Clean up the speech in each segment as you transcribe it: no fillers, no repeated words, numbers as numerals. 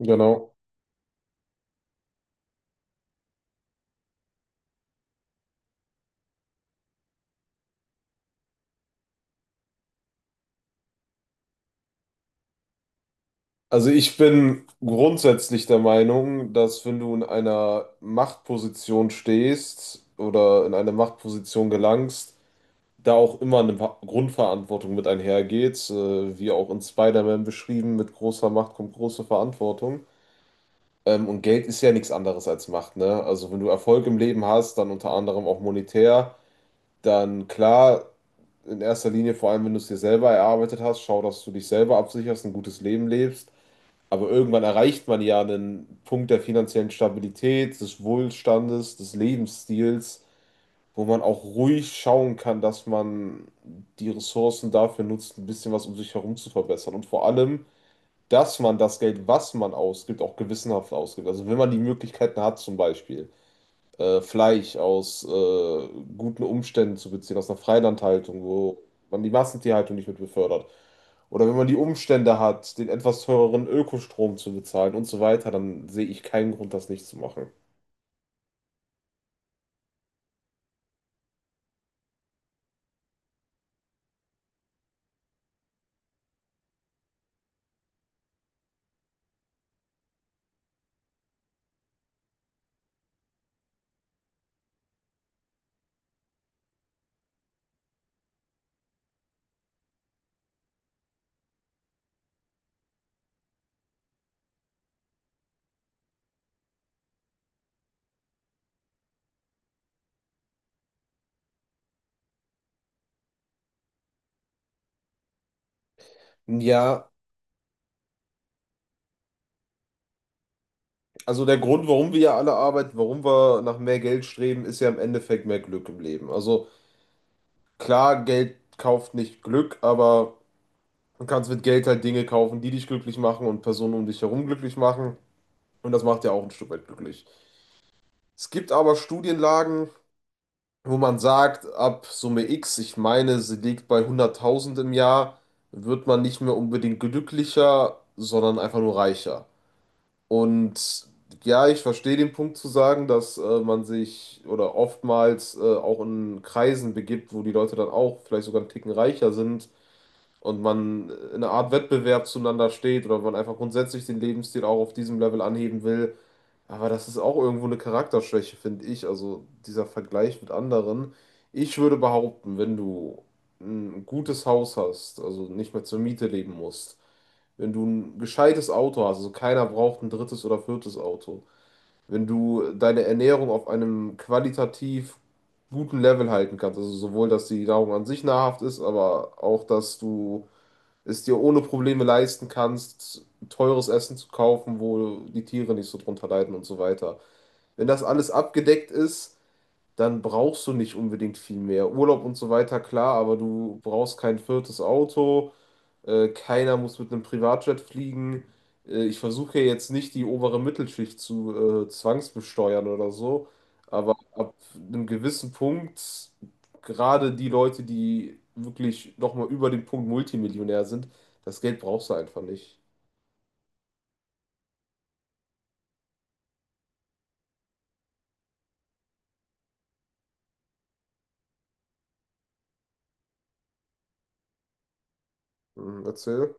Genau. Also ich bin grundsätzlich der Meinung, dass wenn du in einer Machtposition stehst oder in eine Machtposition gelangst, da auch immer eine Grundverantwortung mit einhergeht, wie auch in Spider-Man beschrieben, mit großer Macht kommt große Verantwortung. Und Geld ist ja nichts anderes als Macht, ne? Also wenn du Erfolg im Leben hast, dann unter anderem auch monetär, dann klar, in erster Linie, vor allem wenn du es dir selber erarbeitet hast, schau, dass du dich selber absicherst, ein gutes Leben lebst. Aber irgendwann erreicht man ja einen Punkt der finanziellen Stabilität, des Wohlstandes, des Lebensstils, wo man auch ruhig schauen kann, dass man die Ressourcen dafür nutzt, ein bisschen was um sich herum zu verbessern. Und vor allem, dass man das Geld, was man ausgibt, auch gewissenhaft ausgibt. Also wenn man die Möglichkeiten hat, zum Beispiel Fleisch aus guten Umständen zu beziehen, aus einer Freilandhaltung, wo man die Massentierhaltung nicht mit befördert oder wenn man die Umstände hat, den etwas teureren Ökostrom zu bezahlen und so weiter, dann sehe ich keinen Grund, das nicht zu machen. Ja, also der Grund, warum wir ja alle arbeiten, warum wir nach mehr Geld streben, ist ja im Endeffekt mehr Glück im Leben. Also klar, Geld kauft nicht Glück, aber du kannst mit Geld halt Dinge kaufen, die dich glücklich machen und Personen um dich herum glücklich machen. Und das macht ja auch ein Stück weit glücklich. Es gibt aber Studienlagen, wo man sagt, ab Summe X, ich meine, sie liegt bei 100.000 im Jahr, wird man nicht mehr unbedingt glücklicher, sondern einfach nur reicher. Und ja, ich verstehe den Punkt zu sagen, dass man sich oder oftmals auch in Kreisen begibt, wo die Leute dann auch vielleicht sogar einen Ticken reicher sind und man in einer Art Wettbewerb zueinander steht oder man einfach grundsätzlich den Lebensstil auch auf diesem Level anheben will. Aber das ist auch irgendwo eine Charakterschwäche, finde ich. Also dieser Vergleich mit anderen. Ich würde behaupten, wenn du ein gutes Haus hast, also nicht mehr zur Miete leben musst, wenn du ein gescheites Auto hast, also keiner braucht ein drittes oder viertes Auto, wenn du deine Ernährung auf einem qualitativ guten Level halten kannst, also sowohl, dass die Nahrung an sich nahrhaft ist, aber auch, dass du es dir ohne Probleme leisten kannst, teures Essen zu kaufen, wo die Tiere nicht so drunter leiden und so weiter. Wenn das alles abgedeckt ist, dann brauchst du nicht unbedingt viel mehr. Urlaub und so weiter, klar, aber du brauchst kein viertes Auto, keiner muss mit einem Privatjet fliegen. Ich versuche ja jetzt nicht die obere Mittelschicht zu zwangsbesteuern oder so, aber ab einem gewissen Punkt, gerade die Leute, die wirklich nochmal über den Punkt Multimillionär sind, das Geld brauchst du einfach nicht. Mhm, erzähl.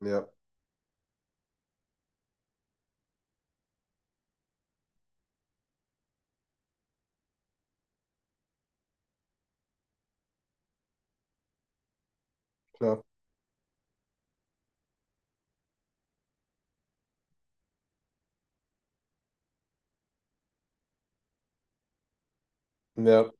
Ja, klar. Ja.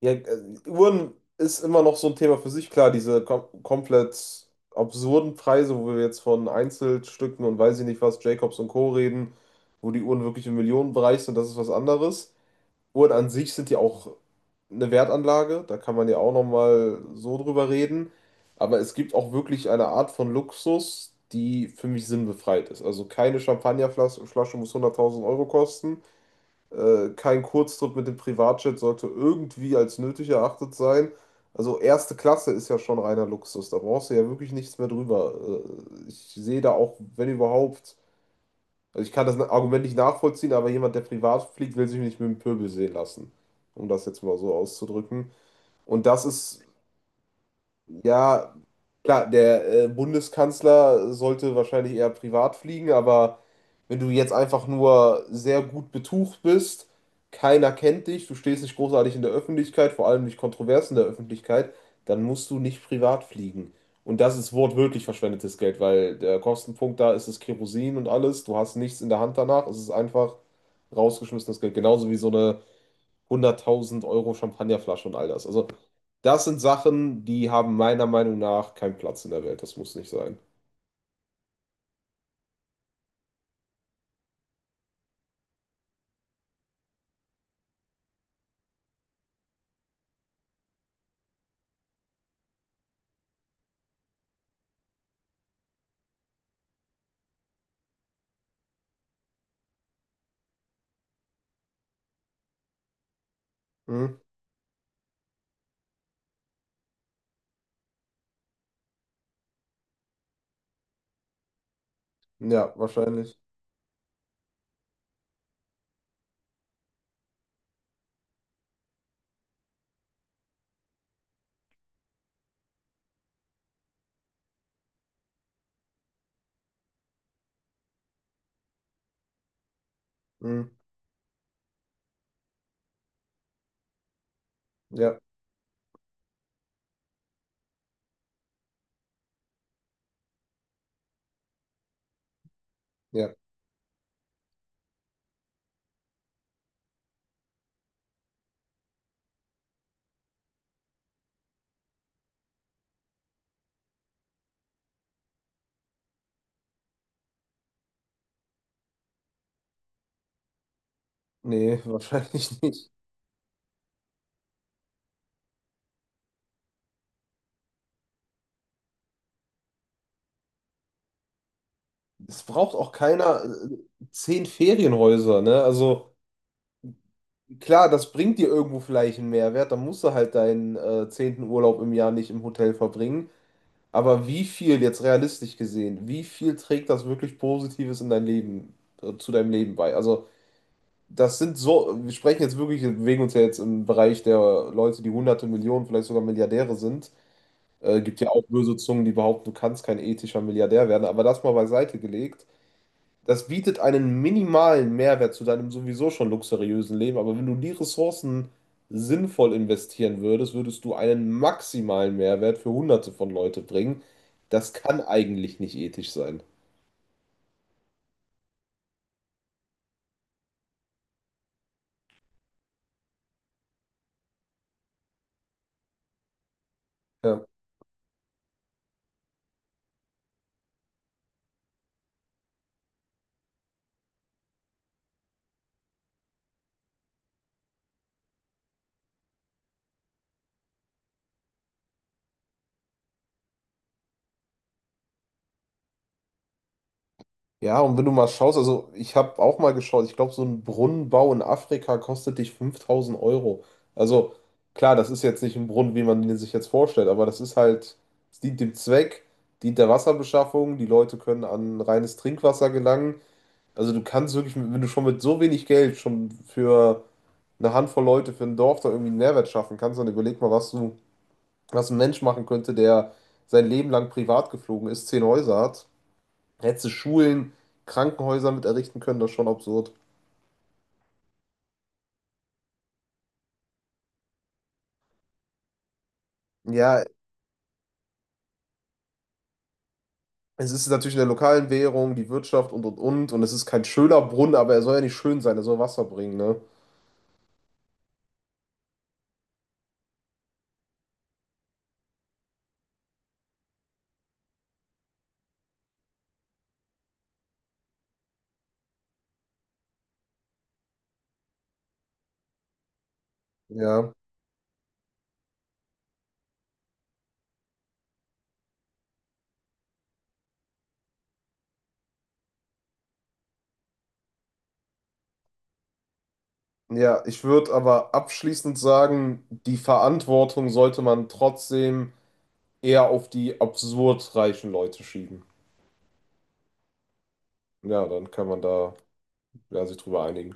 Ja, Uhren ist immer noch so ein Thema für sich. Klar, diese komplett absurden Preise, wo wir jetzt von Einzelstücken und weiß ich nicht was, Jacobs und Co. reden, wo die Uhren wirklich im Millionenbereich sind, das ist was anderes. Uhren an sich sind ja auch eine Wertanlage, da kann man ja auch nochmal so drüber reden. Aber es gibt auch wirklich eine Art von Luxus, die für mich sinnbefreit ist. Also keine Champagnerflasche Flasche muss 100.000 € kosten. Kein Kurztrip mit dem Privatjet sollte irgendwie als nötig erachtet sein. Also erste Klasse ist ja schon reiner Luxus. Da brauchst du ja wirklich nichts mehr drüber. Ich sehe da auch, wenn überhaupt, also ich kann das Argument nicht nachvollziehen, aber jemand, der privat fliegt, will sich nicht mit dem Pöbel sehen lassen. Um das jetzt mal so auszudrücken. Und das ist ja, klar, der Bundeskanzler sollte wahrscheinlich eher privat fliegen, aber wenn du jetzt einfach nur sehr gut betucht bist, keiner kennt dich, du stehst nicht großartig in der Öffentlichkeit, vor allem nicht kontrovers in der Öffentlichkeit, dann musst du nicht privat fliegen. Und das ist wortwörtlich verschwendetes Geld, weil der Kostenpunkt da ist das Kerosin und alles, du hast nichts in der Hand danach, es ist einfach rausgeschmissenes Geld, genauso wie so eine 100.000 € Champagnerflasche und all das. Also, das sind Sachen, die haben meiner Meinung nach keinen Platz in der Welt. Das muss nicht sein. Hm? Ja, wahrscheinlich. Hm? Ja, ja. Nee, wahrscheinlich nicht. Es braucht auch keiner 10 Ferienhäuser, ne? Also klar, das bringt dir irgendwo vielleicht einen Mehrwert, dann musst du halt deinen 10. Urlaub im Jahr nicht im Hotel verbringen. Aber wie viel, jetzt realistisch gesehen, wie viel trägt das wirklich Positives in dein Leben, zu deinem Leben bei? Also das sind so, wir sprechen jetzt wirklich, wir bewegen uns ja jetzt im Bereich der Leute, die Hunderte Millionen, vielleicht sogar Milliardäre sind. Gibt ja auch böse Zungen, die behaupten, du kannst kein ethischer Milliardär werden, aber das mal beiseite gelegt. Das bietet einen minimalen Mehrwert zu deinem sowieso schon luxuriösen Leben, aber wenn du die Ressourcen sinnvoll investieren würdest, würdest du einen maximalen Mehrwert für Hunderte von Leute bringen. Das kann eigentlich nicht ethisch sein. Ja. Ja, und wenn du mal schaust, also ich habe auch mal geschaut, ich glaube, so ein Brunnenbau in Afrika kostet dich 5000 Euro. Also klar, das ist jetzt nicht ein Brunnen, wie man ihn sich jetzt vorstellt, aber das ist halt, es dient dem Zweck, dient der Wasserbeschaffung, die Leute können an reines Trinkwasser gelangen. Also du kannst wirklich, wenn du schon mit so wenig Geld schon für eine Handvoll Leute, für ein Dorf da irgendwie einen Mehrwert schaffen kannst, dann überleg mal, was du, was ein Mensch machen könnte, der sein Leben lang privat geflogen ist, 10 Häuser hat. Hättest du Schulen, Krankenhäuser mit errichten können, das ist schon absurd. Ja, es ist natürlich in der lokalen Währung, die Wirtschaft und und. Und es ist kein schöner Brunnen, aber er soll ja nicht schön sein, er soll Wasser bringen, ne? Ja. Ja, ich würde aber abschließend sagen, die Verantwortung sollte man trotzdem eher auf die absurd reichen Leute schieben. Ja, dann kann man da ja, sich drüber einigen.